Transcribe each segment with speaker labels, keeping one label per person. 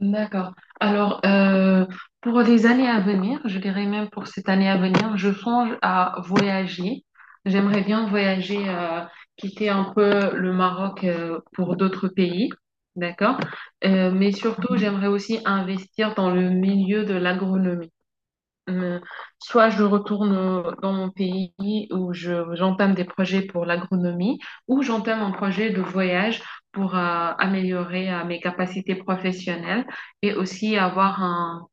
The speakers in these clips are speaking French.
Speaker 1: D'accord. Alors, pour les années à venir, je dirais même pour cette année à venir, je songe à voyager. J'aimerais bien voyager, quitter un peu le Maroc, pour d'autres pays. D'accord? Mais surtout, Mhm. J'aimerais aussi investir dans le milieu de l'agronomie. Euh, Soit je retourne dans mon pays où j'entame des projets pour l'agronomie, ou j'entame un projet de voyage pour améliorer mes capacités professionnelles et aussi avoir un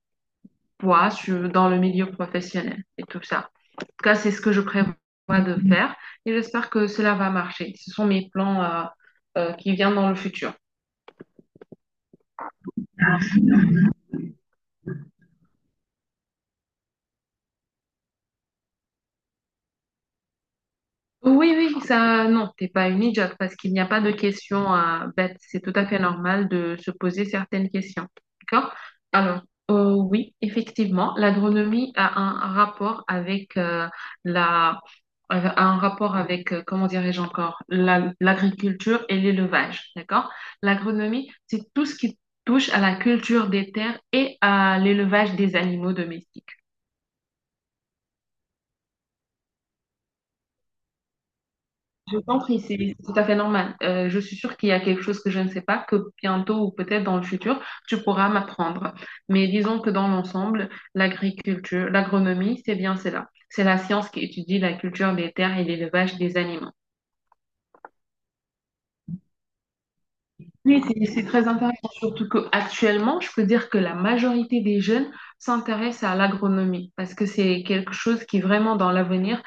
Speaker 1: dans le milieu professionnel et tout ça. En tout cas, c'est ce que je prévois de faire et j'espère que cela va marcher. Ce sont mes plans qui viennent dans le futur. Oui, oui, ça, non, t'es pas une idiote parce qu'il n'y a pas de questions à bête. C'est tout à fait normal de se poser certaines questions. D'accord? Alors, oui, effectivement, l'agronomie a un rapport avec la, a un rapport avec, comment dirais-je encore, l'agriculture et l'élevage. D'accord? L'agronomie, c'est tout ce qui touche à la culture des terres et à l'élevage des animaux domestiques. Je t'en prie, c'est tout à fait normal. Je suis sûre qu'il y a quelque chose que je ne sais pas, que bientôt ou peut-être dans le futur, tu pourras m'apprendre. Mais disons que dans l'ensemble, l'agriculture, l'agronomie, c'est bien cela. C'est la science qui étudie la culture des terres et l'élevage des animaux. Oui, c'est très intéressant, surtout qu'actuellement, je peux dire que la majorité des jeunes s'intéressent à l'agronomie parce que c'est quelque chose qui vraiment dans l'avenir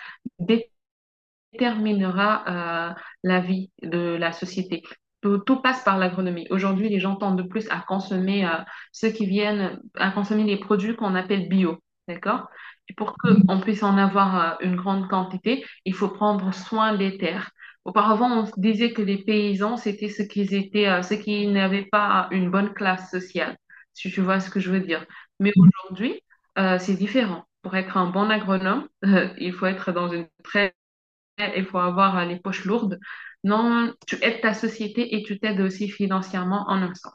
Speaker 1: déterminera la vie de la société. Tout, tout passe par l'agronomie. Aujourd'hui, les gens tendent de plus à consommer ceux qui viennent, à consommer les produits qu'on appelle bio. D'accord? Et pour qu'on puisse en avoir une grande quantité, il faut prendre soin des terres. Auparavant, on disait que les paysans, c'était ceux qui étaient, ceux qui n'avaient pas une bonne classe sociale, si tu vois ce que je veux dire. Mais aujourd'hui, c'est différent. Pour être un bon agronome, il faut être dans une très il faut avoir les poches lourdes. Non, tu aides ta société et tu t'aides aussi financièrement en un sens.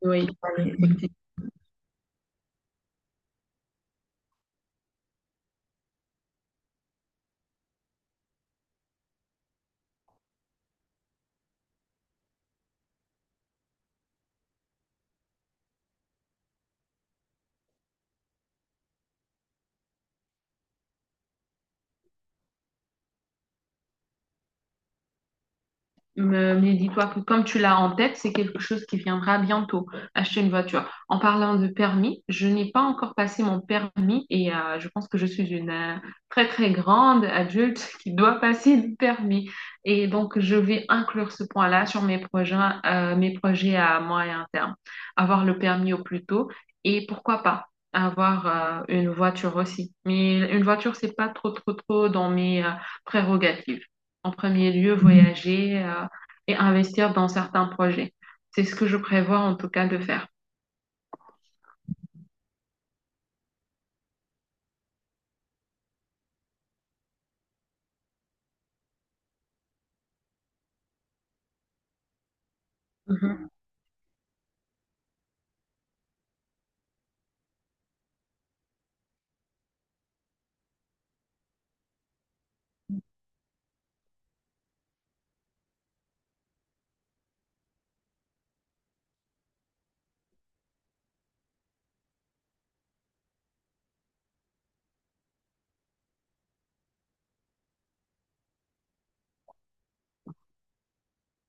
Speaker 1: Oui, oui, Mais dis-toi que comme tu l'as en tête, c'est quelque chose qui viendra bientôt, acheter une voiture. En parlant de permis, je n'ai pas encore passé mon permis et je pense que je suis une très très grande adulte qui doit passer le permis. Et donc, je vais inclure ce point-là sur mes projets à moyen terme. Avoir le permis au plus tôt et pourquoi pas avoir une voiture aussi. Mais une voiture, c'est pas trop trop trop dans mes prérogatives. En premier lieu, Mhm. Voyager. Et investir dans certains projets. C'est ce que je prévois en tout cas de faire. Mhm.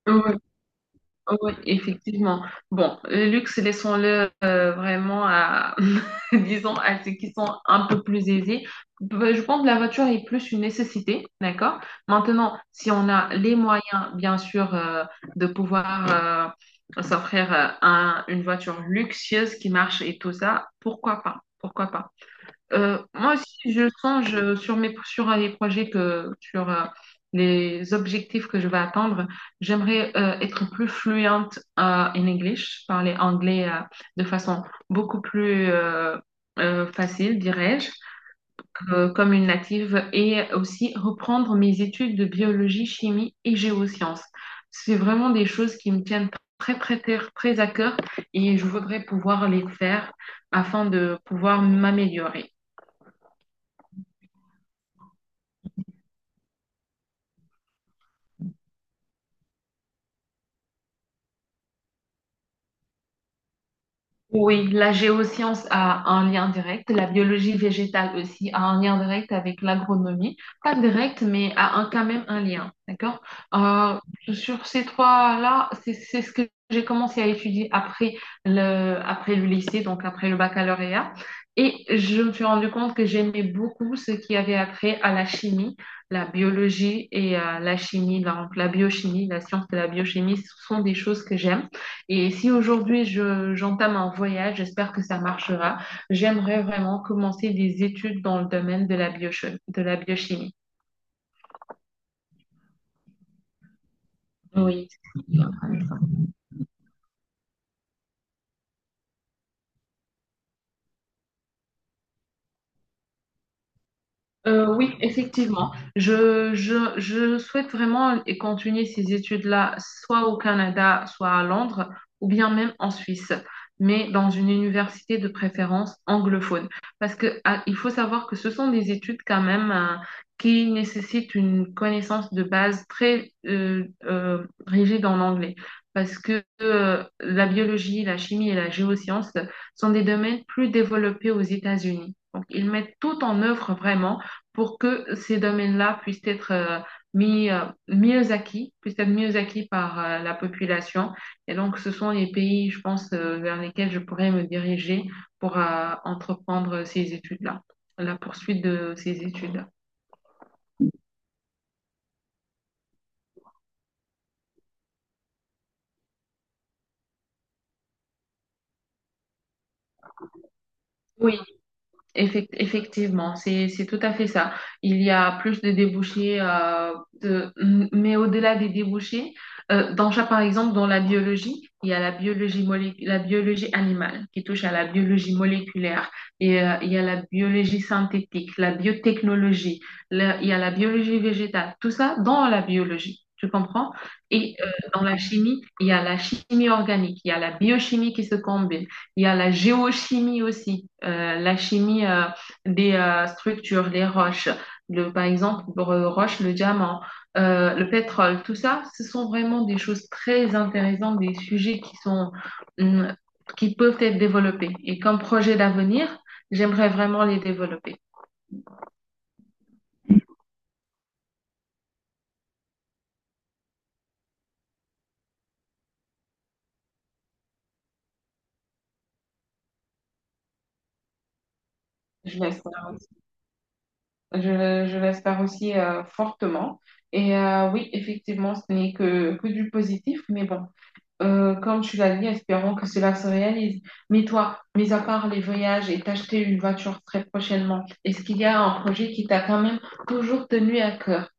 Speaker 1: Oui, oui, effectivement. Bon, le luxe, laissons-le vraiment à, disons, à ceux qui sont un peu plus aisés. Bah, je pense que la voiture est plus une nécessité, d'accord? Maintenant, si on a les moyens, bien sûr, de pouvoir s'offrir une voiture luxueuse qui marche et tout ça, pourquoi pas? Pourquoi pas? Moi aussi, je songe sur mes, sur sur les objectifs que je vais atteindre. J'aimerais être plus fluente en English, parler anglais de façon beaucoup plus facile, dirais-je, comme une native, et aussi reprendre mes études de biologie, chimie et géosciences. C'est vraiment des choses qui me tiennent très, très, très, très à cœur et je voudrais pouvoir les faire afin de pouvoir m'améliorer. Oui, la géoscience a un lien direct, la biologie végétale aussi a un lien direct avec l'agronomie, pas direct, mais a un, quand même un lien, d'accord? Euh, Sur ces trois-là, c'est ce que j'ai commencé à étudier après après le lycée, donc après le baccalauréat, et je me suis rendu compte que j'aimais beaucoup ce qui avait après à la chimie, la biologie et la chimie, donc la biochimie, la science de la biochimie, ce sont des choses que j'aime. Et si aujourd'hui j'entame un voyage, j'espère que ça marchera. J'aimerais vraiment commencer des études dans le domaine de de la biochimie. Oui. Oui, effectivement. Je souhaite vraiment et continuer ces études-là, soit au Canada, soit à Londres, ou bien même en Suisse, mais dans une université de préférence anglophone. Parce que, ah, il faut savoir que ce sont des études quand même, qui nécessitent une connaissance de base très rigide en anglais. Parce que la biologie, la chimie et la géoscience sont des domaines plus développés aux États-Unis. Donc, ils mettent tout en œuvre vraiment pour que ces domaines-là puissent être mieux acquis, puissent être mieux acquis par la population. Et donc, ce sont les pays, je pense, vers lesquels je pourrais me diriger pour entreprendre ces études-là, la poursuite de ces études. Oui, Effectivement, c'est tout à fait ça. Il y a plus de débouchés, de, mais au-delà des débouchés, dans par exemple, dans la biologie, il y a la la biologie animale qui touche à la biologie moléculaire, et il y a la biologie synthétique, la biotechnologie, il y a la biologie végétale, tout ça dans la biologie, tu comprends? Et dans la chimie, il y a la chimie organique, il y a la biochimie qui se combine. Il y a la géochimie aussi, la chimie des structures, les roches, par exemple, le roche, le diamant, le pétrole, tout ça, ce sont vraiment des choses très intéressantes, des sujets qui sont, hum, qui peuvent être développés. Et comme projet d'avenir, j'aimerais vraiment les développer. Je l'espère aussi. Je l'espère aussi fortement. Et oui, effectivement, ce n'est que, que du positif, mais bon. Comme tu l'as dit, espérons que cela se réalise. Mais toi, mis à part les voyages et t'acheter une voiture très prochainement, est-ce qu'il y a un projet qui t'a quand même toujours tenu à cœur?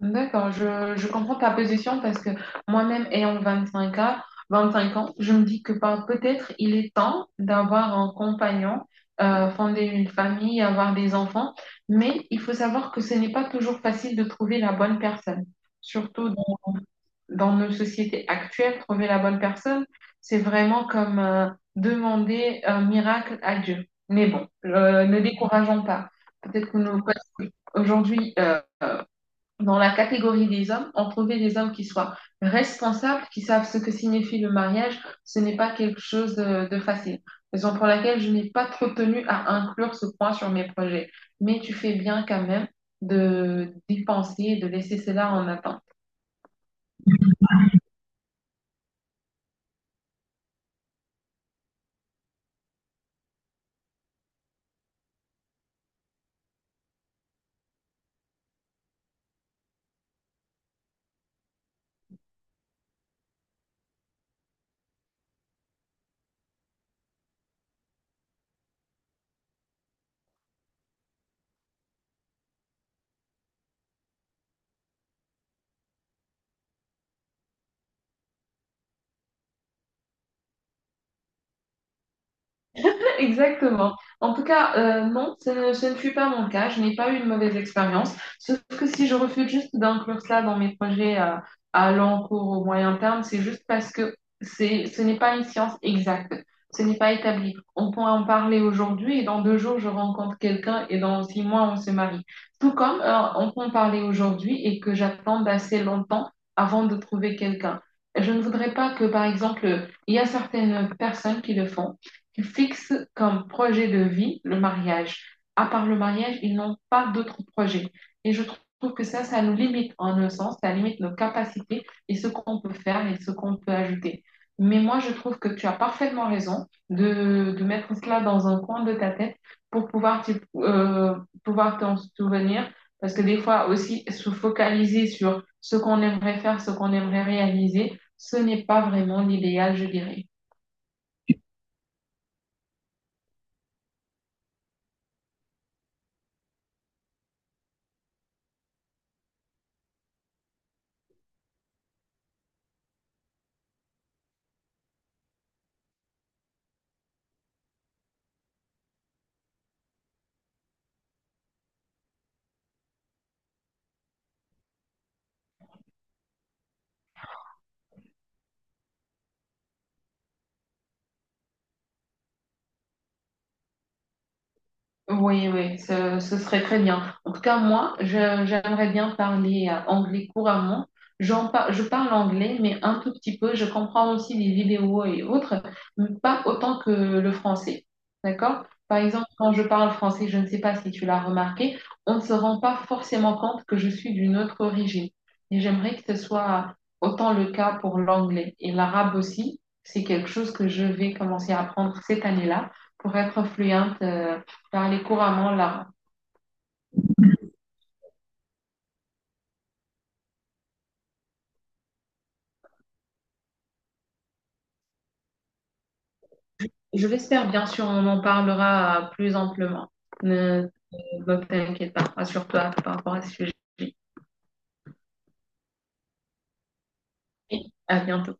Speaker 1: D'accord, je comprends ta position parce que moi-même, ayant 25 ans, 25 ans, je me dis que peut-être il est temps d'avoir un compagnon, fonder une famille, avoir des enfants, mais il faut savoir que ce n'est pas toujours facile de trouver la bonne personne, surtout dans nos sociétés actuelles, trouver la bonne personne, c'est vraiment comme demander un miracle à Dieu. Mais bon, ne décourageons pas. Peut-être que nous, aujourd'hui, dans la catégorie des hommes, on trouvait des hommes qui soient responsables, qui savent ce que signifie le mariage. Ce n'est pas quelque chose de facile. Raison pour laquelle je n'ai pas trop tenu à inclure ce point sur mes projets. Mais tu fais bien quand même de d'y penser et de laisser cela en attente. Exactement. En tout cas, non, ce ne fut pas mon cas. Je n'ai pas eu une mauvaise expérience. Sauf que si je refuse juste d'inclure cela dans mes projets à long cours au moyen terme, c'est juste parce que ce n'est pas une science exacte. Ce n'est pas établi. On peut en parler aujourd'hui et dans 2 jours, je rencontre quelqu'un et dans 6 mois, on se marie. Tout comme on peut en parler aujourd'hui et que j'attende assez longtemps avant de trouver quelqu'un. Je ne voudrais pas que, par exemple, il y a certaines personnes qui le font qui fixent comme projet de vie le mariage. À part le mariage, ils n'ont pas d'autres projets. Et je trouve que ça nous limite en un sens, ça limite nos capacités et ce qu'on peut faire et ce qu'on peut ajouter. Mais moi, je trouve que tu as parfaitement raison de mettre cela dans un coin de ta tête pour pouvoir pouvoir t'en souvenir. Parce que des fois aussi, se focaliser sur ce qu'on aimerait faire, ce qu'on aimerait réaliser, ce n'est pas vraiment l'idéal, je dirais. Oui, oui, ce serait très bien. En tout cas, moi, j'aimerais bien parler anglais couramment. Je parle anglais, mais un tout petit peu. Je comprends aussi des vidéos et autres, mais pas autant que le français. D'accord? Par exemple, quand je parle français, je ne sais pas si tu l'as remarqué, on ne se rend pas forcément compte que je suis d'une autre origine. Et j'aimerais que ce soit autant le cas pour l'anglais. Et l'arabe aussi, c'est quelque chose que je vais commencer à apprendre cette année-là pour être fluente. Parler couramment l'arabe. Je l'espère, bien sûr, on en parlera plus amplement. Ne t'inquiète pas, rassure-toi par rapport à ce sujet. Et à bientôt.